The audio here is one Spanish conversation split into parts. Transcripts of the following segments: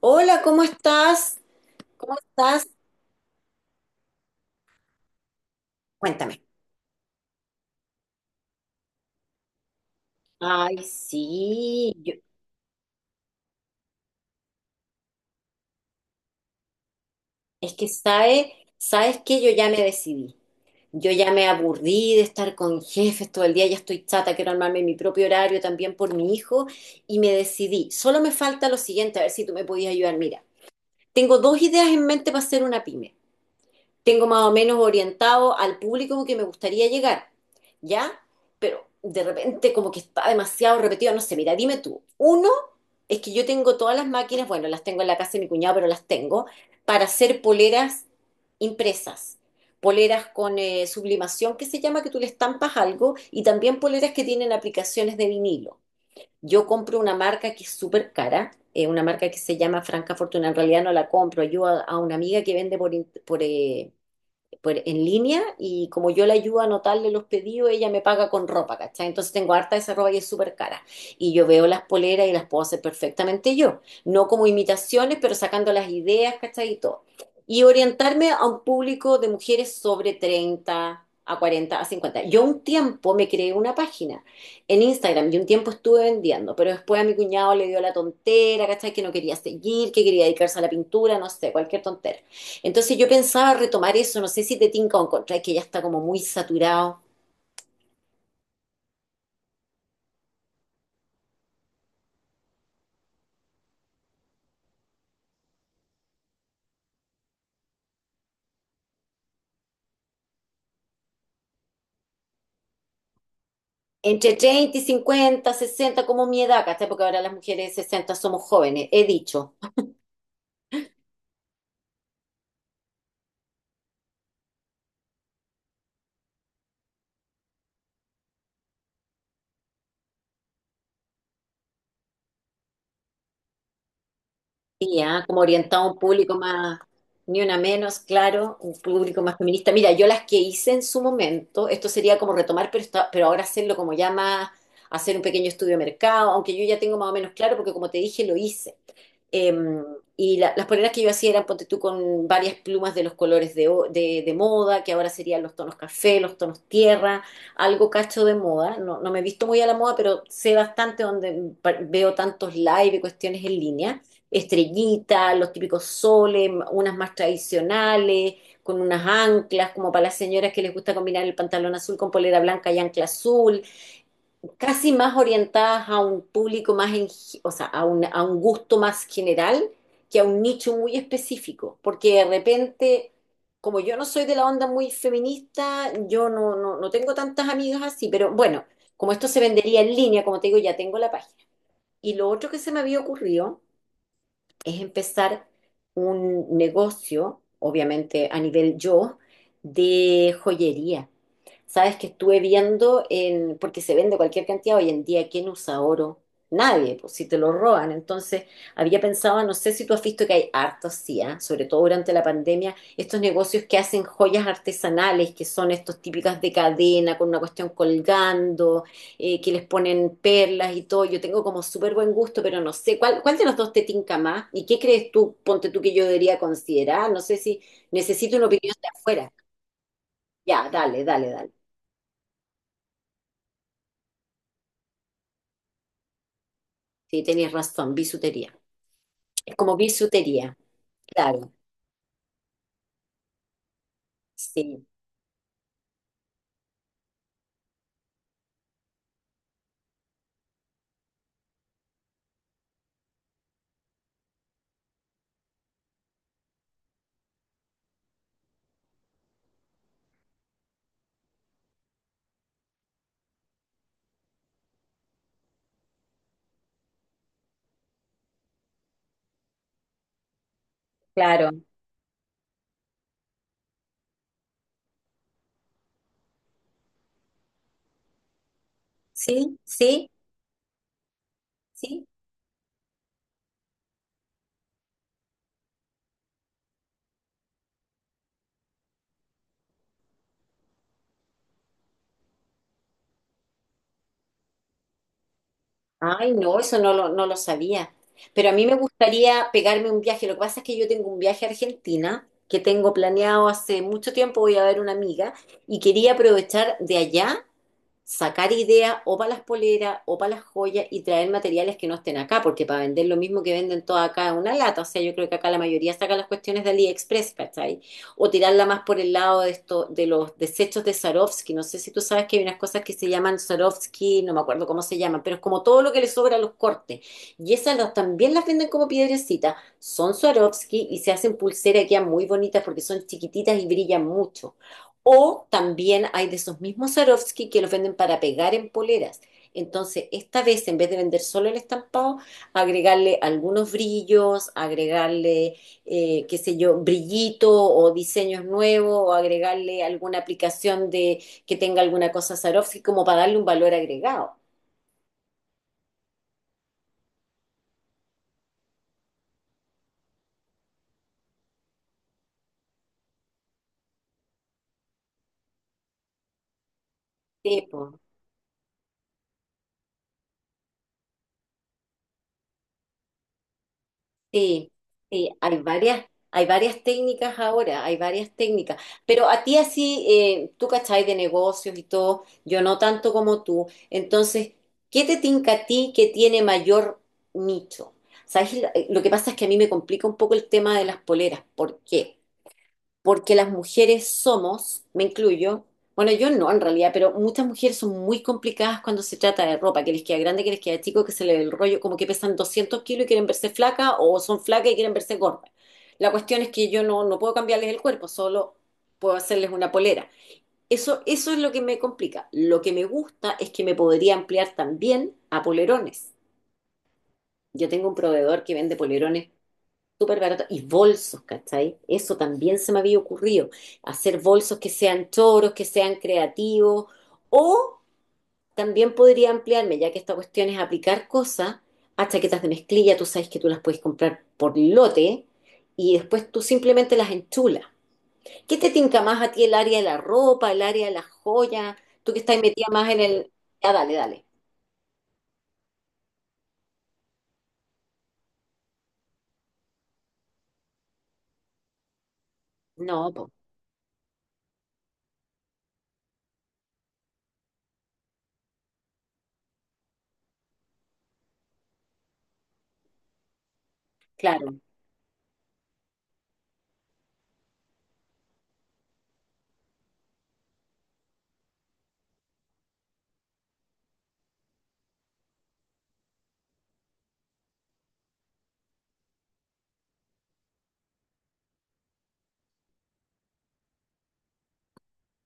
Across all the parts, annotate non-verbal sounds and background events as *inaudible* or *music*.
Hola, ¿cómo estás? ¿Cómo estás? Cuéntame. Ay, sí, es que sabes que yo ya me decidí. Yo ya me aburrí de estar con jefes todo el día, ya estoy chata, quiero armarme mi propio horario también por mi hijo y me decidí. Solo me falta lo siguiente, a ver si tú me podías ayudar. Mira, tengo dos ideas en mente para hacer una pyme. Tengo más o menos orientado al público que me gustaría llegar, ¿ya? Pero de repente como que está demasiado repetido, no sé, mira, dime tú, uno es que yo tengo todas las máquinas, bueno, las tengo en la casa de mi cuñado, pero las tengo, para hacer poleras impresas. Poleras con sublimación, que se llama que tú le estampas algo, y también poleras que tienen aplicaciones de vinilo. Yo compro una marca que es súper cara, una marca que se llama Franca Fortuna. En realidad no la compro, yo a una amiga que vende por, in- por, por- en línea y como yo le ayudo a anotarle los pedidos, ella me paga con ropa, ¿cachai? Entonces tengo harta de esa ropa y es súper cara. Y yo veo las poleras y las puedo hacer perfectamente yo, no como imitaciones, pero sacando las ideas, ¿cachai? Y todo. Y orientarme a un público de mujeres sobre 30 a 40, a 50. Yo un tiempo me creé una página en Instagram y un tiempo estuve vendiendo, pero después a mi cuñado le dio la tontera, ¿cachai? Que no quería seguir, que quería dedicarse a la pintura, no sé, cualquier tontera. Entonces yo pensaba retomar eso, no sé si te tinca o encontráis que ya está como muy saturado. Entre 30 y 50, 60 como mi edad, ¿cachai? Porque ahora las mujeres de 60 somos jóvenes, he dicho. Y ah, como orientado a un público más, ni una menos, claro, un público más feminista. Mira, yo las que hice en su momento, esto sería como retomar, pero, pero ahora hacerlo como ya más, hacer un pequeño estudio de mercado, aunque yo ya tengo más o menos claro, porque como te dije, lo hice. Eh, y las poleras que yo hacía eran, ponte tú, con varias plumas de los colores de moda, que ahora serían los tonos café, los tonos tierra, algo cacho de moda. No, no me he visto muy a la moda, pero sé bastante donde pa- veo tantos live y cuestiones en línea, estrellitas, los típicos soles, unas más tradicionales, con unas anclas, como para las señoras que les gusta combinar el pantalón azul con polera blanca y ancla azul, casi más orientadas a un público más, o sea, a un gusto más general que a un nicho muy específico, porque de repente, como yo no soy de la onda muy feminista, yo no tengo tantas amigas así, pero bueno, como esto se vendería en línea, como te digo, ya tengo la página. Y lo otro que se me había ocurrido es empezar un negocio, obviamente a nivel yo, de joyería. Sabes que estuve viendo en, porque se vende cualquier cantidad hoy en día, ¿quién usa oro? Nadie, pues si te lo roban. Entonces, había pensado, no sé si tú has visto que hay harto así, ¿ah? Sobre todo durante la pandemia, estos negocios que hacen joyas artesanales, que son estos típicas de cadena, con una cuestión colgando, que les ponen perlas y todo. Yo tengo como súper buen gusto, pero no sé, ¿cuál, cuál de los dos te tinca más? ¿Y qué crees tú, ponte tú, que yo debería considerar? No sé si necesito una opinión de afuera. Ya, dale, dale, dale. Sí, tenéis razón, bisutería. Es como bisutería, claro. Sí, claro. Sí, sí, sí. Ay, no, eso no lo sabía. Pero a mí me gustaría pegarme un viaje. Lo que pasa es que yo tengo un viaje a Argentina que tengo planeado hace mucho tiempo. Voy a ver una amiga y quería aprovechar de allá sacar ideas o para las poleras o para las joyas y traer materiales que no estén acá, porque para vender lo mismo que venden todas acá es una lata. O sea, yo creo que acá la mayoría saca las cuestiones de AliExpress, ¿cachai? O tirarla más por el lado de esto, de los desechos de Swarovski. No sé si tú sabes que hay unas cosas que se llaman Swarovski, no me acuerdo cómo se llaman, pero es como todo lo que le sobra a los cortes. Y esas también las venden como piedrecitas. Son Swarovski y se hacen pulseras que quedan muy bonitas porque son chiquititas y brillan mucho. O también hay de esos mismos Swarovski que los venden para pegar en poleras. Entonces, esta vez, en vez de vender solo el estampado, agregarle algunos brillos, agregarle, qué sé yo, brillito o diseños nuevos, o agregarle alguna aplicación de que tenga alguna cosa Swarovski, como para darle un valor agregado. Sí, po. Sí, sí, hay varias técnicas ahora, hay varias técnicas. Pero a ti así, tú cachai de negocios y todo, yo no tanto como tú. Entonces, ¿qué te tinca a ti que tiene mayor nicho? ¿Sabes? Lo que pasa es que a mí me complica un poco el tema de las poleras. ¿Por qué? Porque las mujeres somos, me incluyo, bueno, yo no en realidad, pero muchas mujeres son muy complicadas cuando se trata de ropa, que les queda grande, que les queda chico, que se le ve el rollo, como que pesan 200 kilos y quieren verse flaca o son flacas y quieren verse gordas. La cuestión es que yo no puedo cambiarles el cuerpo, solo puedo hacerles una polera. Eso es lo que me complica. Lo que me gusta es que me podría ampliar también a polerones. Yo tengo un proveedor que vende polerones súper barato. Y bolsos, ¿cachai? Eso también se me había ocurrido. Hacer bolsos que sean choros, que sean creativos. O también podría ampliarme, ya que esta cuestión es aplicar cosas a chaquetas de mezclilla. Tú sabes que tú las puedes comprar por lote y después tú simplemente las enchulas. ¿Qué te tinca más a ti el área de la ropa, el área de las joyas? Tú que estás metida más en el... Ah, dale, dale. No, pues, claro.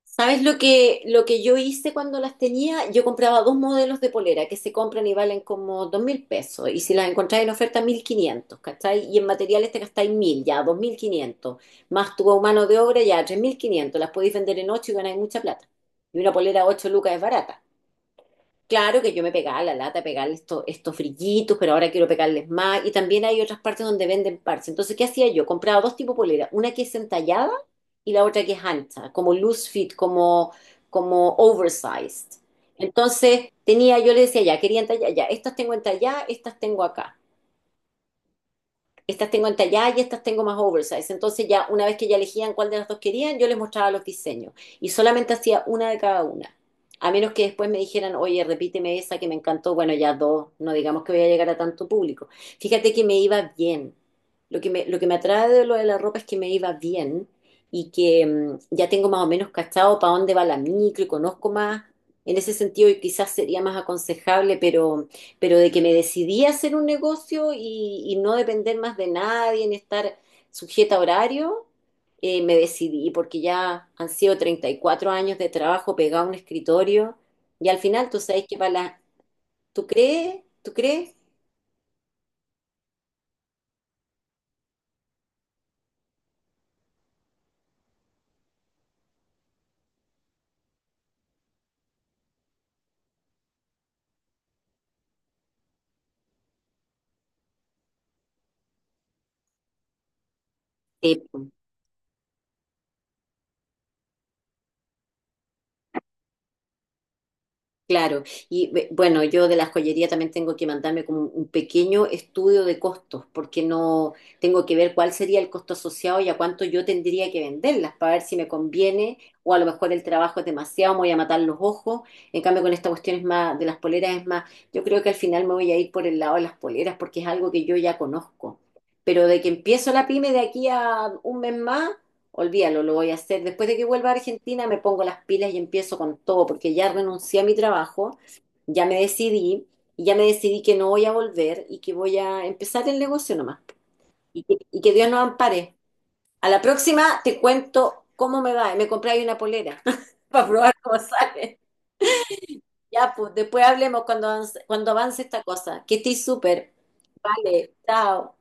¿Sabes lo que yo hice cuando las tenía? Yo compraba dos modelos de polera que se compran y valen como 2.000 pesos. Y si las encontráis en oferta, 1.500, ¿cachai? Y en materiales te gastáis 1.000 ya, 2.500. Más tu mano de obra, ya, 3.500. Las podéis vender en 8 y ganáis mucha plata. Y una polera a 8 lucas es barata. Claro que yo me pegaba la lata, pegarle estos, estos frillitos, pero ahora quiero pegarles más. Y también hay otras partes donde venden parches. Entonces, ¿qué hacía yo? Compraba dos tipos de polera, una que es entallada y la otra que es ancha, como loose fit, como, como oversized. Entonces, tenía, yo le decía, ya, quería entallar, ya, estas tengo entalladas, estas tengo acá, estas tengo entalladas y estas tengo más oversize. Entonces ya una vez que ya elegían cuál de las dos querían, yo les mostraba los diseños y solamente hacía una de cada una. A menos que después me dijeran, oye, repíteme esa que me encantó, bueno, ya dos, no digamos que voy a llegar a tanto público. Fíjate que me iba bien. Lo que me atrae de lo de la ropa es que me iba bien y que ya tengo más o menos cachado para dónde va la micro y conozco más. En ese sentido, y quizás sería más aconsejable, pero de que me decidí a hacer un negocio y no depender más de nadie, en estar sujeta a horario, me decidí porque ya han sido 34 años de trabajo pegado a un escritorio y al final tú sabes que para la, ¿tú crees? ¿Tú crees? Eh, Claro, y bueno, yo de la joyería también tengo que mandarme como un pequeño estudio de costos, porque no tengo que ver cuál sería el costo asociado y a cuánto yo tendría que venderlas para ver si me conviene o a lo mejor el trabajo es demasiado, me voy a matar los ojos. En cambio, con esta cuestión es más, de las poleras es más, yo creo que al final me voy a ir por el lado de las poleras porque es algo que yo ya conozco. Pero de que empiezo la pyme de aquí a un mes más, olvídalo, lo voy a hacer. Después de que vuelva a Argentina, me pongo las pilas y empiezo con todo, porque ya renuncié a mi trabajo, ya me decidí, y ya me decidí que no voy a volver y que voy a empezar el negocio nomás. Y que Dios nos ampare. A la próxima te cuento cómo me va. Me compré ahí una polera *laughs* para probar cómo sale. Ya, pues después hablemos cuando avance esta cosa. Que estés súper. Vale, chao.